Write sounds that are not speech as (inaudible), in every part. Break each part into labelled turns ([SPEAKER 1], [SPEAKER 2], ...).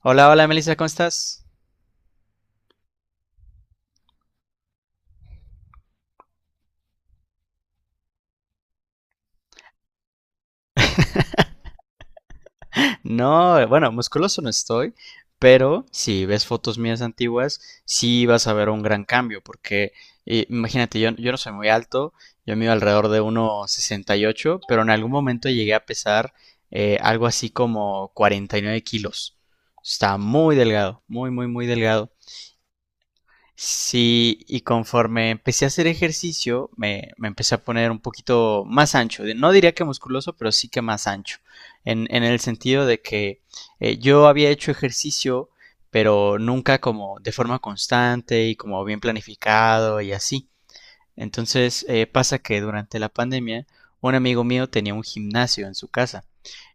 [SPEAKER 1] Hola, hola Melissa, ¿cómo estás? No, bueno, musculoso no estoy, pero si ves fotos mías antiguas, sí vas a ver un gran cambio, porque imagínate, yo no soy muy alto, yo mido alrededor de 1,68 pero en algún momento llegué a pesar algo así como 49 kilos. Está muy delgado, muy, muy, muy delgado. Sí, y conforme empecé a hacer ejercicio, me empecé a poner un poquito más ancho. No diría que musculoso, pero sí que más ancho. En el sentido de que yo había hecho ejercicio, pero nunca como de forma constante y como bien planificado y así. Entonces pasa que durante la pandemia un amigo mío tenía un gimnasio en su casa.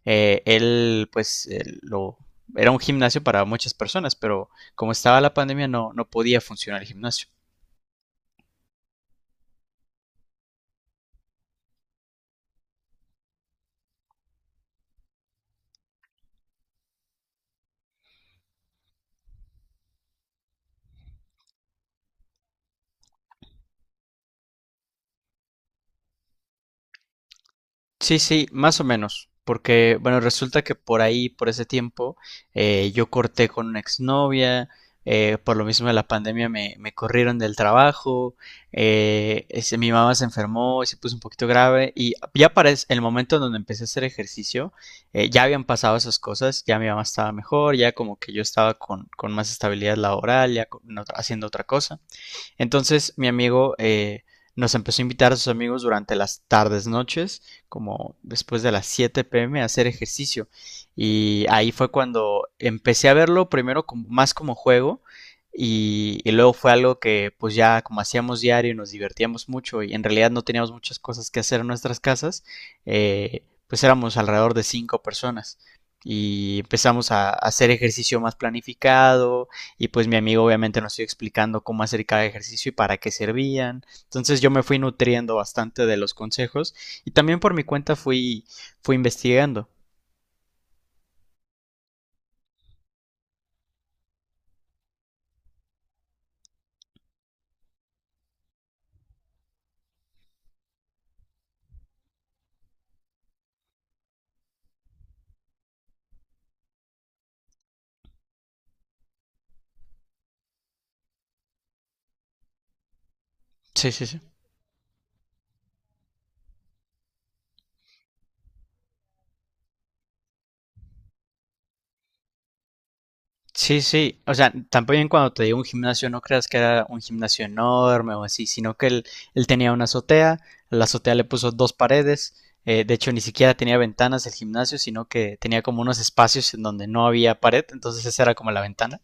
[SPEAKER 1] Él pues era un gimnasio para muchas personas, pero como estaba la pandemia no podía funcionar el gimnasio. Sí, sí, más o menos. Porque, bueno, resulta que por ahí, por ese tiempo, yo corté con una exnovia, por lo mismo de la pandemia me corrieron del trabajo, mi mamá se enfermó, y se puso un poquito grave y ya para el momento en donde empecé a hacer ejercicio, ya habían pasado esas cosas, ya mi mamá estaba mejor, ya como que yo estaba con más estabilidad laboral, haciendo otra cosa. Entonces mi amigo nos empezó a invitar a sus amigos durante las tardes, noches, como después de las 7 p.m. a hacer ejercicio. Y ahí fue cuando empecé a verlo primero como, más como juego y luego fue algo que pues ya como hacíamos diario y nos divertíamos mucho y en realidad no teníamos muchas cosas que hacer en nuestras casas, pues éramos alrededor de 5 personas y empezamos a hacer ejercicio más planificado, y pues mi amigo obviamente nos iba explicando cómo hacer cada ejercicio y para qué servían. Entonces yo me fui nutriendo bastante de los consejos y también por mi cuenta fui investigando. Sí, sí, sí. Sí, sí. O sea, tampoco cuando te digo un gimnasio no creas que era un gimnasio enorme o así, sino que él tenía una azotea, la azotea le puso dos paredes. De hecho, ni siquiera tenía ventanas el gimnasio, sino que tenía como unos espacios en donde no había pared, entonces esa era como la ventana.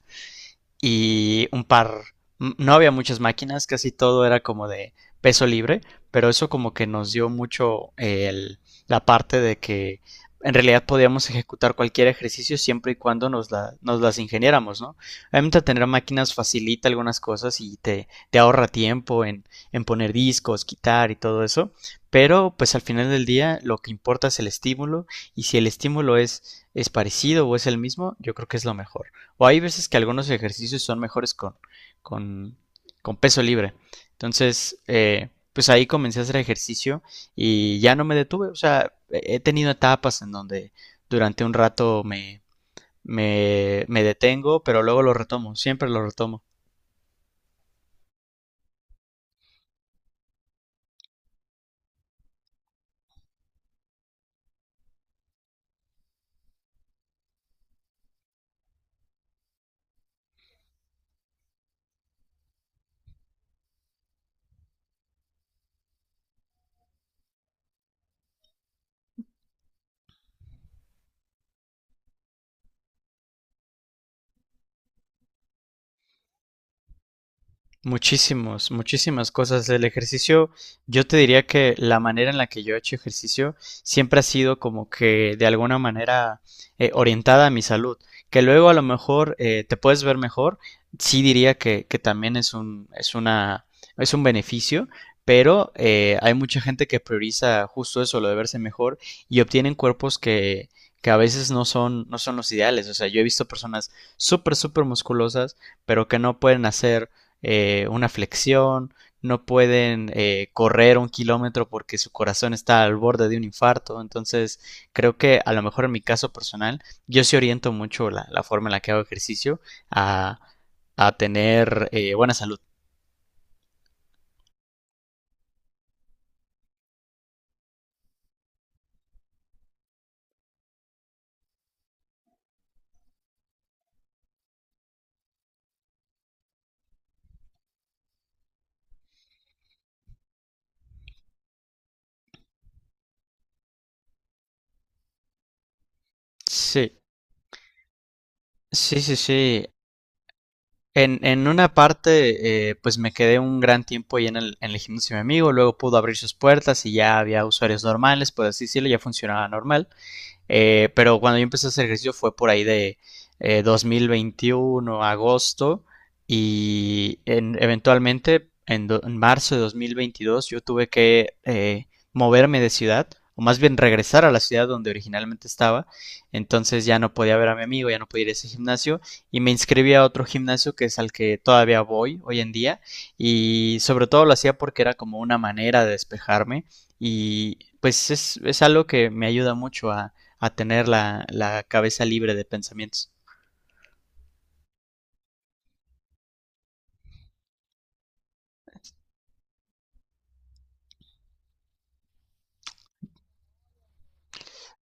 [SPEAKER 1] Y un par, no había muchas máquinas, casi todo era como de peso libre, pero eso como que nos dio mucho la parte de que en realidad podíamos ejecutar cualquier ejercicio siempre y cuando nos las ingeniáramos, ¿no? Obviamente tener máquinas facilita algunas cosas y te ahorra tiempo en poner discos, quitar y todo eso, pero pues al final del día lo que importa es el estímulo y si el estímulo es parecido o es el mismo, yo creo que es lo mejor. O hay veces que algunos ejercicios son mejores con, con peso libre. Entonces, pues ahí comencé a hacer ejercicio y ya no me detuve. O sea, he tenido etapas en donde durante un rato me detengo, pero luego lo retomo, siempre lo retomo. Muchísimos, muchísimas cosas. El ejercicio, yo te diría que la manera en la que yo he hecho ejercicio siempre ha sido como que de alguna manera orientada a mi salud. Que luego a lo mejor te puedes ver mejor, sí diría que también es un beneficio, pero hay mucha gente que prioriza justo eso, lo de verse mejor, y obtienen cuerpos que a veces no son los ideales. O sea, yo he visto personas súper, súper musculosas, pero que no pueden hacer una flexión, no pueden correr 1 kilómetro porque su corazón está al borde de un infarto. Entonces, creo que a lo mejor en mi caso personal, yo sí oriento mucho la forma en la que hago ejercicio a, a tener buena salud. Sí, sí, sí, sí. En una parte, pues me quedé un gran tiempo ahí en en el gimnasio de mi amigo, luego pudo abrir sus puertas y ya había usuarios normales, por así decirlo, ya funcionaba normal. Pero cuando yo empecé a hacer ejercicio fue por ahí de 2021, agosto, y eventualmente en marzo de 2022 yo tuve que moverme de ciudad, o más bien regresar a la ciudad donde originalmente estaba. Entonces ya no podía ver a mi amigo, ya no podía ir a ese gimnasio, y me inscribí a otro gimnasio que es al que todavía voy hoy en día, y sobre todo lo hacía porque era como una manera de despejarme. Y pues es algo que me ayuda mucho a tener la cabeza libre de pensamientos.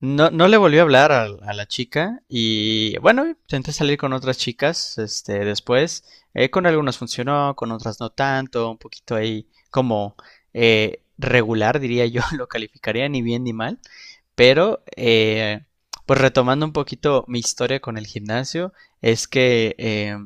[SPEAKER 1] No, no le volvió a hablar a la chica y bueno, intenté salir con otras chicas este, después. Con algunas funcionó, con otras no tanto, un poquito ahí como regular, diría yo, (laughs) lo calificaría ni bien ni mal. Pero, pues retomando un poquito mi historia con el gimnasio, es que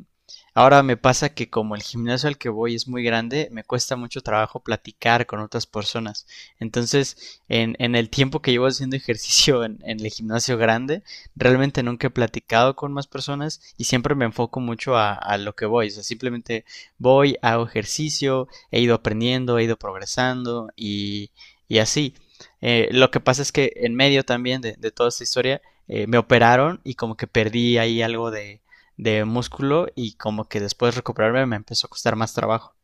[SPEAKER 1] ahora me pasa que como el gimnasio al que voy es muy grande, me cuesta mucho trabajo platicar con otras personas. Entonces, en el tiempo que llevo haciendo (laughs) ejercicio en el gimnasio grande, realmente nunca he platicado con más personas y siempre me enfoco mucho a lo que voy. O sea, simplemente voy, hago ejercicio, he ido aprendiendo, he ido progresando y así. Lo que pasa es que en medio también de toda esta historia me operaron y como que perdí ahí algo de músculo y como que después de recuperarme me empezó a costar más trabajo.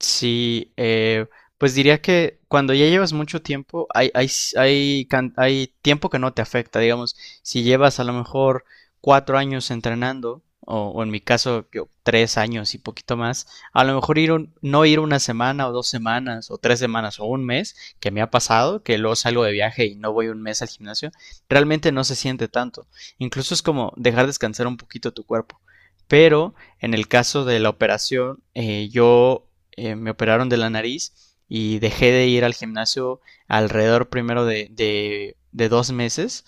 [SPEAKER 1] Sí, pues diría que cuando ya llevas mucho tiempo, hay, s- hay, can- hay tiempo que no te afecta, digamos, si llevas a lo mejor 4 años entrenando, o en mi caso yo 3 años y poquito más, a lo mejor no ir 1 semana o 2 semanas o 3 semanas o un mes, que me ha pasado, que luego salgo de viaje y no voy un mes al gimnasio, realmente no se siente tanto. Incluso es como dejar descansar un poquito tu cuerpo. Pero en el caso de la operación, yo me operaron de la nariz y dejé de ir al gimnasio alrededor primero de 2 meses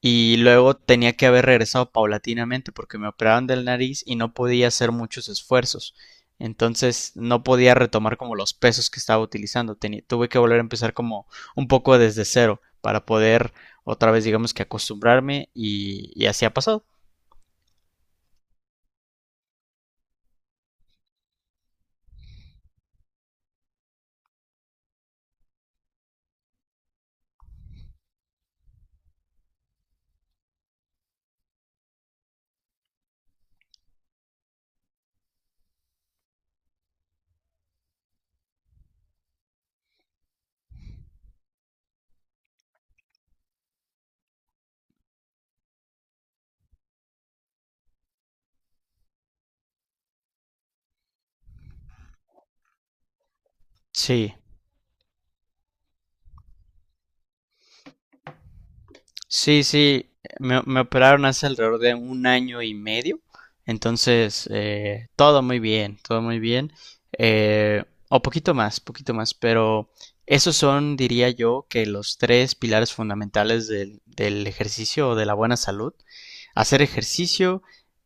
[SPEAKER 1] y luego tenía que haber regresado paulatinamente porque me operaron de la nariz y no podía hacer muchos esfuerzos. Entonces no podía retomar como los pesos que estaba utilizando. Tuve que volver a empezar como un poco desde cero para poder otra vez digamos que acostumbrarme y así ha pasado. Sí, sí, sí, me operaron hace alrededor de un año y medio, entonces todo muy bien, eh, o poquito más, pero esos son, diría yo, que los 3 pilares fundamentales del ejercicio o de la buena salud, hacer ejercicio,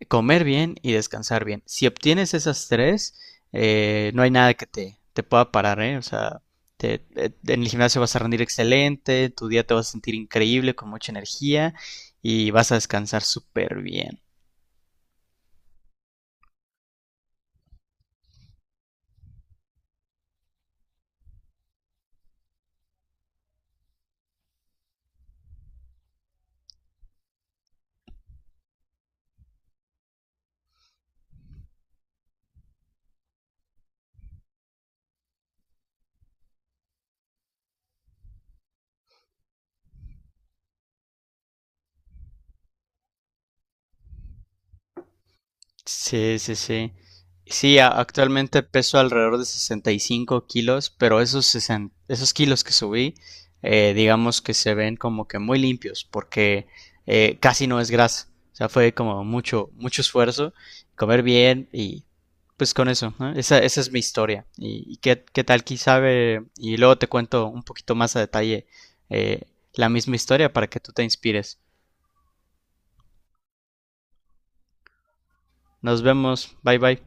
[SPEAKER 1] comer bien y descansar bien. Si obtienes esas tres, no hay nada que te pueda parar, ¿eh? O sea, en el gimnasio vas a rendir excelente, tu día te vas a sentir increíble, con mucha energía y vas a descansar súper bien. Sí, sí, sí. Sí, actualmente peso alrededor de 65 kilos, pero esos kilos que subí, digamos que se ven como que muy limpios, porque casi no es grasa. O sea, fue como mucho, mucho esfuerzo, comer bien y pues con eso, ¿no? Esa es mi historia. Y qué, qué tal, quién sabe? Y luego te cuento un poquito más a detalle eh, la misma historia para que tú te inspires. Nos vemos, bye bye.